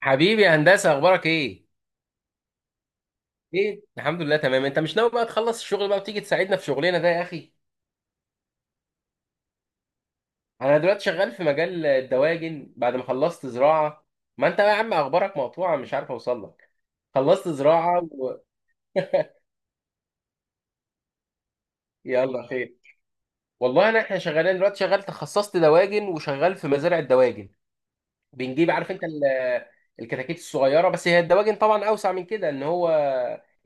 حبيبي يا هندسة، أخبارك إيه؟ الحمد لله تمام، أنت مش ناوي بقى تخلص الشغل بقى وتيجي تساعدنا في شغلنا ده يا أخي؟ أنا دلوقتي شغال في مجال الدواجن بعد ما خلصت زراعة. ما أنت بقى يا عم أخبارك مقطوعة، مش عارف أوصل لك. خلصت زراعة و... يلا خير. والله أنا إحنا شغالين دلوقتي، شغال تخصصت دواجن وشغال في مزارع الدواجن. بنجيب، عارف انت الكتاكيت الصغيره، بس هي الدواجن طبعا اوسع من كده، ان هو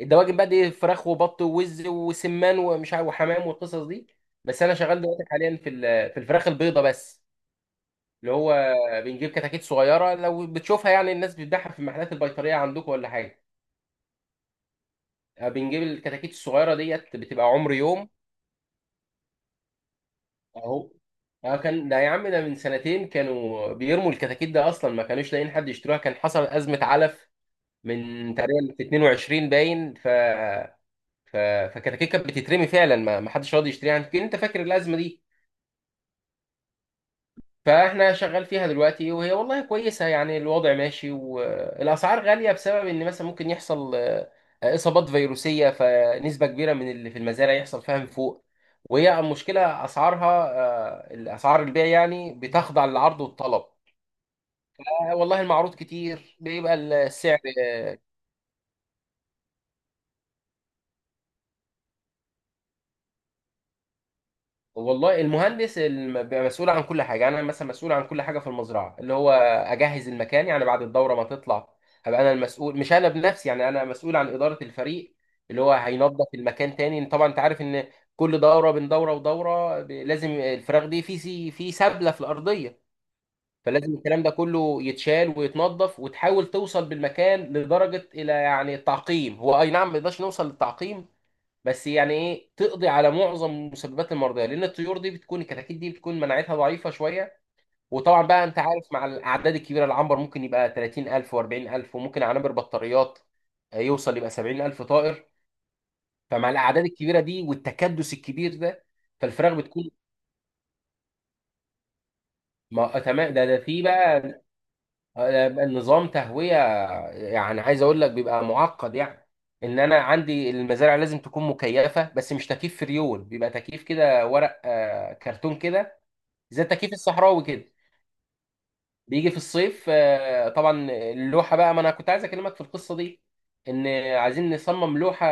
الدواجن بقى دي فراخ وبط ووز وسمان ومش عارف وحمام والقصص دي. بس انا شغال دلوقتي حاليا في في الفراخ البيضه بس، اللي هو بنجيب كتاكيت صغيره، لو بتشوفها يعني الناس بتبيعها في المحلات البيطريه عندكم ولا حاجه. آه، بنجيب الكتاكيت الصغيره ديت، بتبقى عمر يوم. اهو. اه، كان ده يا عم، ده من سنتين كانوا بيرموا الكتاكيت، ده اصلا ما كانوش لاقيين حد يشتروها، كان حصل ازمه علف من تقريبا 22، باين ف فكتاكيت كانت بتترمي فعلا، ما حدش راضي يشتريها، يمكن انت فاكر الازمه دي. فاحنا شغال فيها دلوقتي، وهي والله كويسه يعني، الوضع ماشي، والاسعار غاليه بسبب ان مثلا ممكن يحصل اصابات فيروسيه، فنسبه كبيره من اللي في المزارع يحصل فيها من فوق، وهي المشكله اسعارها. آه، الاسعار البيع يعني بتخضع للعرض والطلب. آه، والله المعروض كتير بيبقى السعر. والله المهندس بيبقى مسؤول عن كل حاجه. انا مثلا مسؤول عن كل حاجه في المزرعه، اللي هو اجهز المكان يعني. بعد الدوره ما تطلع، هبقى انا المسؤول، مش انا بنفسي يعني، انا مسؤول عن اداره الفريق اللي هو هينظف المكان تاني. طبعا انت عارف ان كل دوره، بين دوره ودوره، لازم الفراخ دي في في سبله في الارضيه، فلازم الكلام ده كله يتشال ويتنظف، وتحاول توصل بالمكان لدرجه الى يعني التعقيم. هو اي نعم ما نقدرش نوصل للتعقيم، بس يعني ايه، تقضي على معظم مسببات المرضيه، لان الطيور دي بتكون، الكتاكيت دي بتكون مناعتها ضعيفه شويه. وطبعا بقى انت عارف، مع الاعداد الكبيره، العنبر ممكن يبقى 30,000 و40000، وممكن عنبر بطاريات، آه، يوصل يبقى 70,000 طائر. فمع الاعداد الكبيره دي والتكدس الكبير ده، فالفراخ بتكون، ما آه، تمام. ده في بقى آه، بقى نظام تهويه. يعني عايز اقول لك بيبقى معقد يعني. ان انا عندي المزارع لازم تكون مكيفه، بس مش تكييف فريون، بيبقى تكييف كده ورق آه، كرتون كده، زي التكييف الصحراوي كده. بيجي في الصيف آه، طبعا اللوحه بقى، ما انا كنت عايز اكلمك في القصه دي. ان عايزين نصمم لوحه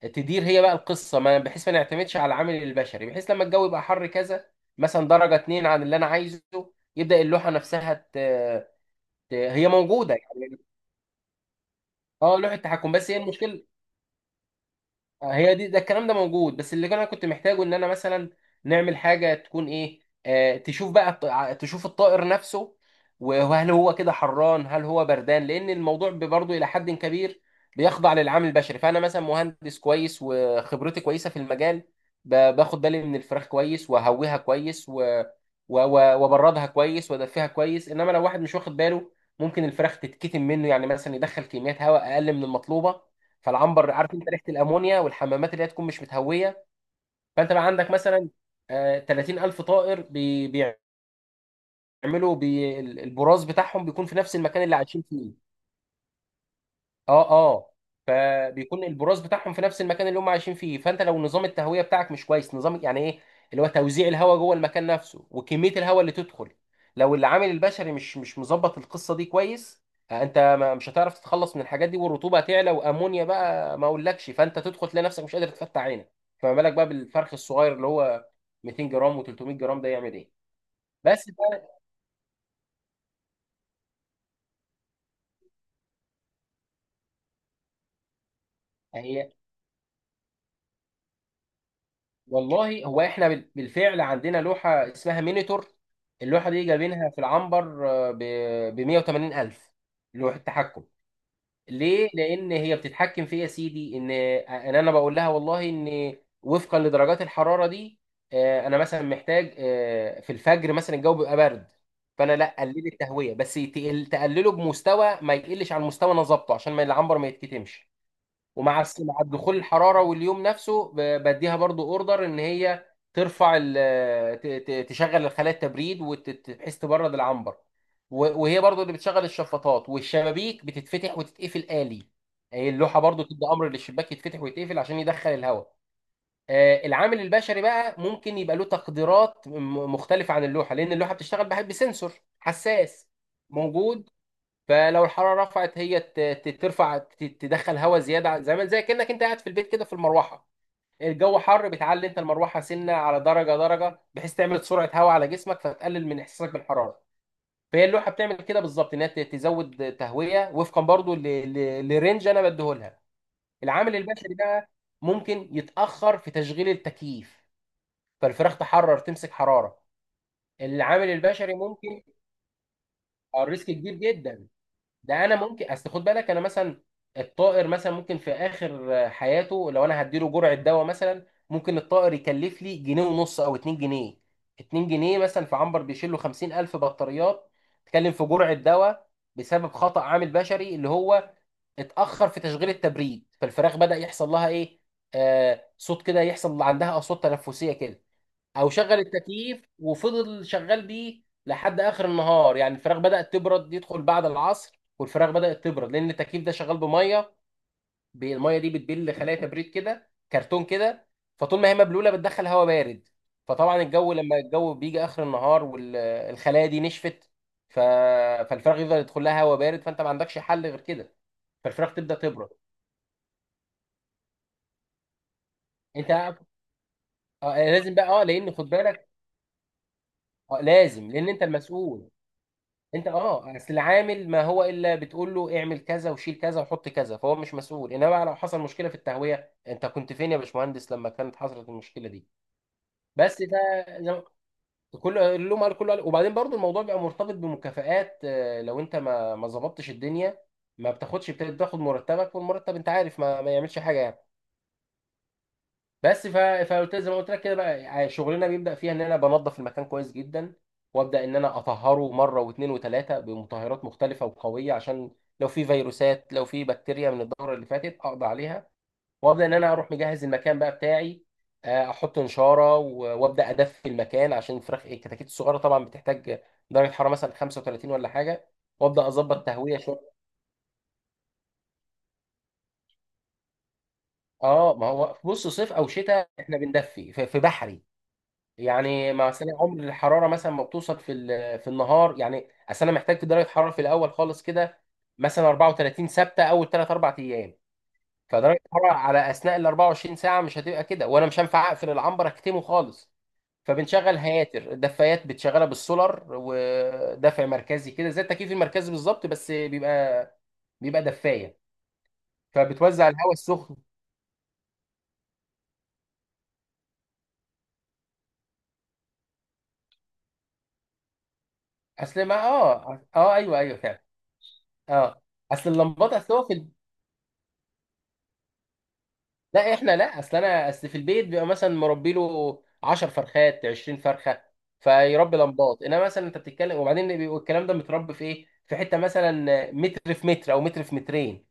تدير هي بقى القصه، ما بحيث ما نعتمدش على العامل البشري، بحيث لما الجو يبقى حر كذا، مثلا درجه اتنين عن اللي انا عايزه، يبدا اللوحه نفسها هي موجوده يعني. اه، لوحه تحكم، بس هي المشكله، هي دي، ده الكلام ده موجود، بس اللي انا كنت محتاجه ان انا مثلا نعمل حاجه تكون ايه، آه، تشوف بقى تشوف الطائر نفسه، وهل هو كده حران هل هو بردان، لان الموضوع برضه الى حد كبير بيخضع للعامل البشري. فانا مثلا مهندس كويس وخبرتي كويسه في المجال، باخد بالي من الفراخ كويس، وهويها كويس و... وبردها كويس، وادفيها كويس. انما لو واحد مش واخد باله، ممكن الفراخ تتكتم منه، يعني مثلا يدخل كميات هواء اقل من المطلوبه. فالعنبر، عارف انت، ريحه الامونيا والحمامات اللي هي تكون مش متهويه. فانت بقى عندك مثلا آه، 30,000 طائر بيعملوا البراز بتاعهم بيكون في نفس المكان اللي عايشين فيه. اه اه. فبيكون البراز بتاعهم في نفس المكان اللي هم عايشين فيه، فانت لو نظام التهويه بتاعك مش كويس، نظام يعني ايه، اللي هو توزيع الهواء جوه المكان نفسه، وكميه الهواء اللي تدخل. لو العامل البشري مش مظبط القصه دي كويس، آه، انت مش هتعرف تتخلص من الحاجات دي، والرطوبه هتعلى، وامونيا بقى ما اقولكش. فانت تدخل تلاقي نفسك مش قادر تفتح عينك، فما بالك بقى بالفرخ الصغير اللي هو 200 جرام و300 جرام، ده يعمل ايه. بس بقى هي، والله هو احنا بالفعل عندنا لوحة اسمها مينيتور. اللوحة دي جايبينها في العنبر آه، ب 180 ألف، لوحة تحكم. ليه؟ لأن هي بتتحكم في إيه يا سيدي، إن أنا بقول لها والله إن، وفقا لدرجات الحرارة دي آه، أنا مثلا محتاج آه، في الفجر مثلا الجو بيبقى برد، فأنا لا قلل التهوية بس، تقلله بمستوى ما يقلش عن مستوى أنا ظابطه، عشان ما العنبر ما يتكتمش. ومع مع دخول الحراره واليوم نفسه، بديها برضو اوردر ان هي ترفع تشغل الخلايا التبريد، وبحيث تبرد العنبر. وهي برضو اللي بتشغل الشفاطات، والشبابيك بتتفتح وتتقفل آلي. هي اللوحه برضو تدي امر للشباك يتفتح ويتقفل عشان يدخل الهواء. آه، العامل البشري بقى ممكن يبقى له تقديرات مختلفه عن اللوحه، لان اللوحه بتشتغل بسنسور حساس موجود. فلو الحراره رفعت، هي ترفع، تدخل هواء زياده، زي ما، زي كانك انت قاعد في البيت كده في المروحه. الجو حر، بتعلي انت المروحه سنه على درجه درجه، بحيث تعمل سرعه هواء على جسمك، فتقلل من احساسك بالحراره. فهي اللوحه بتعمل كده بالظبط، انها تزود تهويه وفقا برضو لرينج انا بديهولها. العامل البشري بقى ممكن يتاخر في تشغيل التكييف، فالفراخ تحرر تمسك حراره. العامل البشري ممكن، آه، الريسك كبير جدا. ده انا ممكن اصل، خد بالك انا مثلا، الطائر مثلا ممكن في اخر حياته، لو انا هديله جرعه دواء مثلا ممكن الطائر يكلف لي جنيه ونص او اتنين جنيه. اتنين جنيه مثلا في عنبر بيشيل له خمسين الف بطاريات، تكلم في جرعه دواء بسبب خطأ عامل بشري، اللي هو اتأخر في تشغيل التبريد، فالفراخ بدأ يحصل لها ايه، آه صوت كده، يحصل عندها اصوات تنفسيه كده. او شغل التكييف وفضل شغال بيه لحد اخر النهار، يعني الفراخ بدات تبرد، يدخل بعد العصر والفراخ بدات تبرد، لان التكييف ده شغال بميه، الميه دي بتبل خلايا كبريت كده، كرتون كده. فطول ما هي مبلوله بتدخل هواء بارد، فطبعا الجو لما الجو بيجي اخر النهار والخلايا دي نشفت، ف... فالفراخ يفضل يدخل لها هواء بارد، فانت ما عندكش حل غير كده، فالفراخ تبدا تبرد. انت آه، لازم بقى اه لان خد بالك. آه لازم، لان انت المسؤول. انت اه، اصل العامل ما هو الا بتقول له اعمل كذا وشيل كذا وحط كذا، فهو مش مسؤول. انما بقى لو حصل مشكله في التهويه، انت كنت فين يا باشمهندس لما كانت حصلت المشكله دي؟ بس ده زي كله اللوم قال كله قال. وبعدين برضو الموضوع بيبقى مرتبط بمكافآت آه، لو انت ما ظبطتش الدنيا، ما بتاخدش، بتاخد مرتبك، والمرتب انت عارف ما يعملش حاجه يعني. بس فقلت زي ما قلت لك كده بقى، يعني شغلنا بيبدا فيها ان انا بنظف المكان كويس جدا، وابدا ان انا اطهره مره واثنين وثلاثه بمطهرات مختلفه وقويه، عشان لو في فيروسات لو في بكتيريا من الدوره اللي فاتت اقضي عليها. وابدا ان انا اروح مجهز المكان بقى بتاعي، آه، احط نشاره وابدا ادفي المكان، عشان الفراخ الكتاكيت الصغيره طبعا بتحتاج درجه حراره مثلا 35 ولا حاجه، وابدا اظبط تهويه شويه. اه ما هو بص صيف او شتاء احنا بندفي في، في بحري، يعني مثلا عمر الحراره مثلا ما بتوصل في في النهار، يعني اصل انا محتاج درجه حراره في الاول خالص كده، مثلا 34 ثابته اول 3 4 ايام، فدرجه الحراره على اثناء ال 24 ساعه مش هتبقى كده، وانا مش هينفع اقفل العنبر اكتمه خالص. فبنشغل هياتر الدفايات، بتشغلها بالسولار، ودفع مركزي كده زي التكييف المركزي بالظبط، بس بيبقى، بيبقى دفايه. فبتوزع الهواء السخن. اصل ما اه اه ايوه ايوه فعلا. اه، اصل اللمبات، اصل هو في، لا احنا لا، اصل انا اصل في البيت بيبقى مثلا مربي له 10 فرخات 20 فرخه، فيربي لمبات. انما مثلا انت بتتكلم، وبعدين بيبقى الكلام ده متربي في ايه، في حته مثلا متر في متر، او متر في مترين،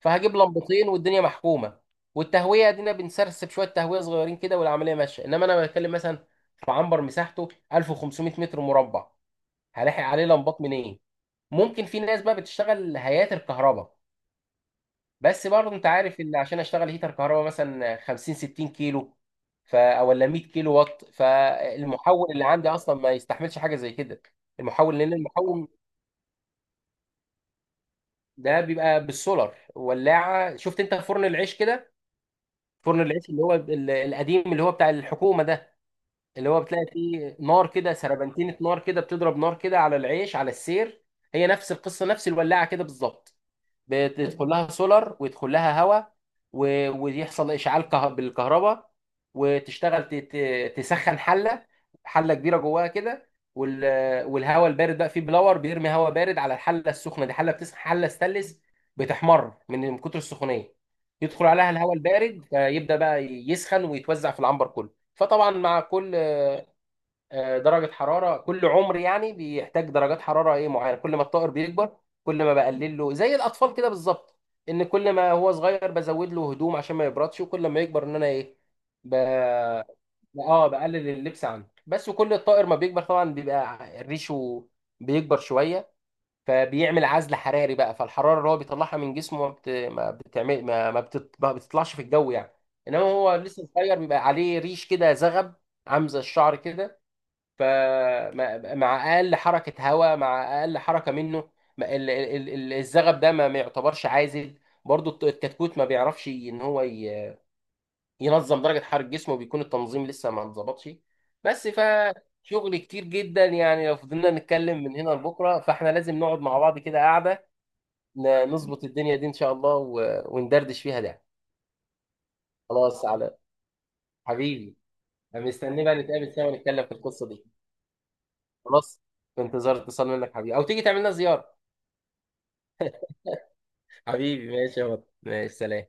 فهجيب لمبتين والدنيا محكومه، والتهويه دينا بنسرسب شويه تهويه صغيرين كده والعمليه ماشيه. انما انا بتكلم مثلا في عنبر مساحته 1500 متر مربع، هلاحق عليه لمبات منين؟ ممكن في ناس بقى بتشتغل هيئات الكهرباء، بس برضه انت عارف ان عشان اشتغل هيتر كهرباء مثلا 50 60 كيلو، ف او ولا 100 كيلو واط، فالمحول اللي عندي اصلا ما يستحملش حاجه زي كده. المحول، لان المحول ده بيبقى بالسولار. ولاعه، شفت انت فرن العيش كده؟ فرن العيش اللي هو القديم اللي هو بتاع الحكومه ده، اللي هو بتلاقي فيه نار كده، سربنتينه نار كده بتضرب نار كده على العيش على السير. هي نفس القصه، نفس الولاعه كده بالظبط. بتدخل لها سولار ويدخل لها هواء، ويحصل اشعال بالكهرباء، وتشتغل تسخن حله، حله كبيره جواها كده. والهواء البارد بقى فيه بلور بيرمي هواء بارد على الحله السخنه دي، حله بتسخن، حله ستانلس، بتحمر من كتر السخونيه، يدخل عليها الهواء البارد فيبدا بقى يسخن ويتوزع في العنبر كله. فطبعا مع كل آه، درجة حرارة كل عمر يعني بيحتاج درجات حرارة ايه معينة. كل ما الطائر بيكبر، كل ما بقلل له، زي الأطفال كده بالظبط، إن كل ما هو صغير بزود له هدوم عشان ما يبردش، وكل ما يكبر إن أنا ايه، ب... اه بقلل اللبس عنه بس. وكل الطائر ما بيكبر طبعا بيبقى ريشه بيكبر شوية، فبيعمل عزل حراري بقى، فالحرارة اللي هو بيطلعها من جسمه ما بت... ما بتعمل ما ما, بتط... ما بتطلعش في الجو يعني، إنما هو لسه صغير بيبقى عليه ريش كده زغب، عامل زي الشعر كده. فمع اقل حركه هواء، مع اقل حركه منه، الزغب ده ما يعتبرش عازل. برضو الكتكوت ما بيعرفش ان هو ينظم درجه حراره جسمه، بيكون التنظيم لسه ما انظبطش. بس فشغل كتير جدا يعني، لو فضلنا نتكلم من هنا لبكره. فاحنا لازم نقعد مع بعض كده قاعده، نظبط الدنيا دي ان شاء الله، وندردش فيها ده. خلاص على حبيبي. انا مستني بقى نتقابل سوا ونتكلم في القصه دي. خلاص، في انتظار اتصال منك حبيبي، او تيجي تعمل لنا زياره. حبيبي ماشي يا بطل، ماشي، سلام.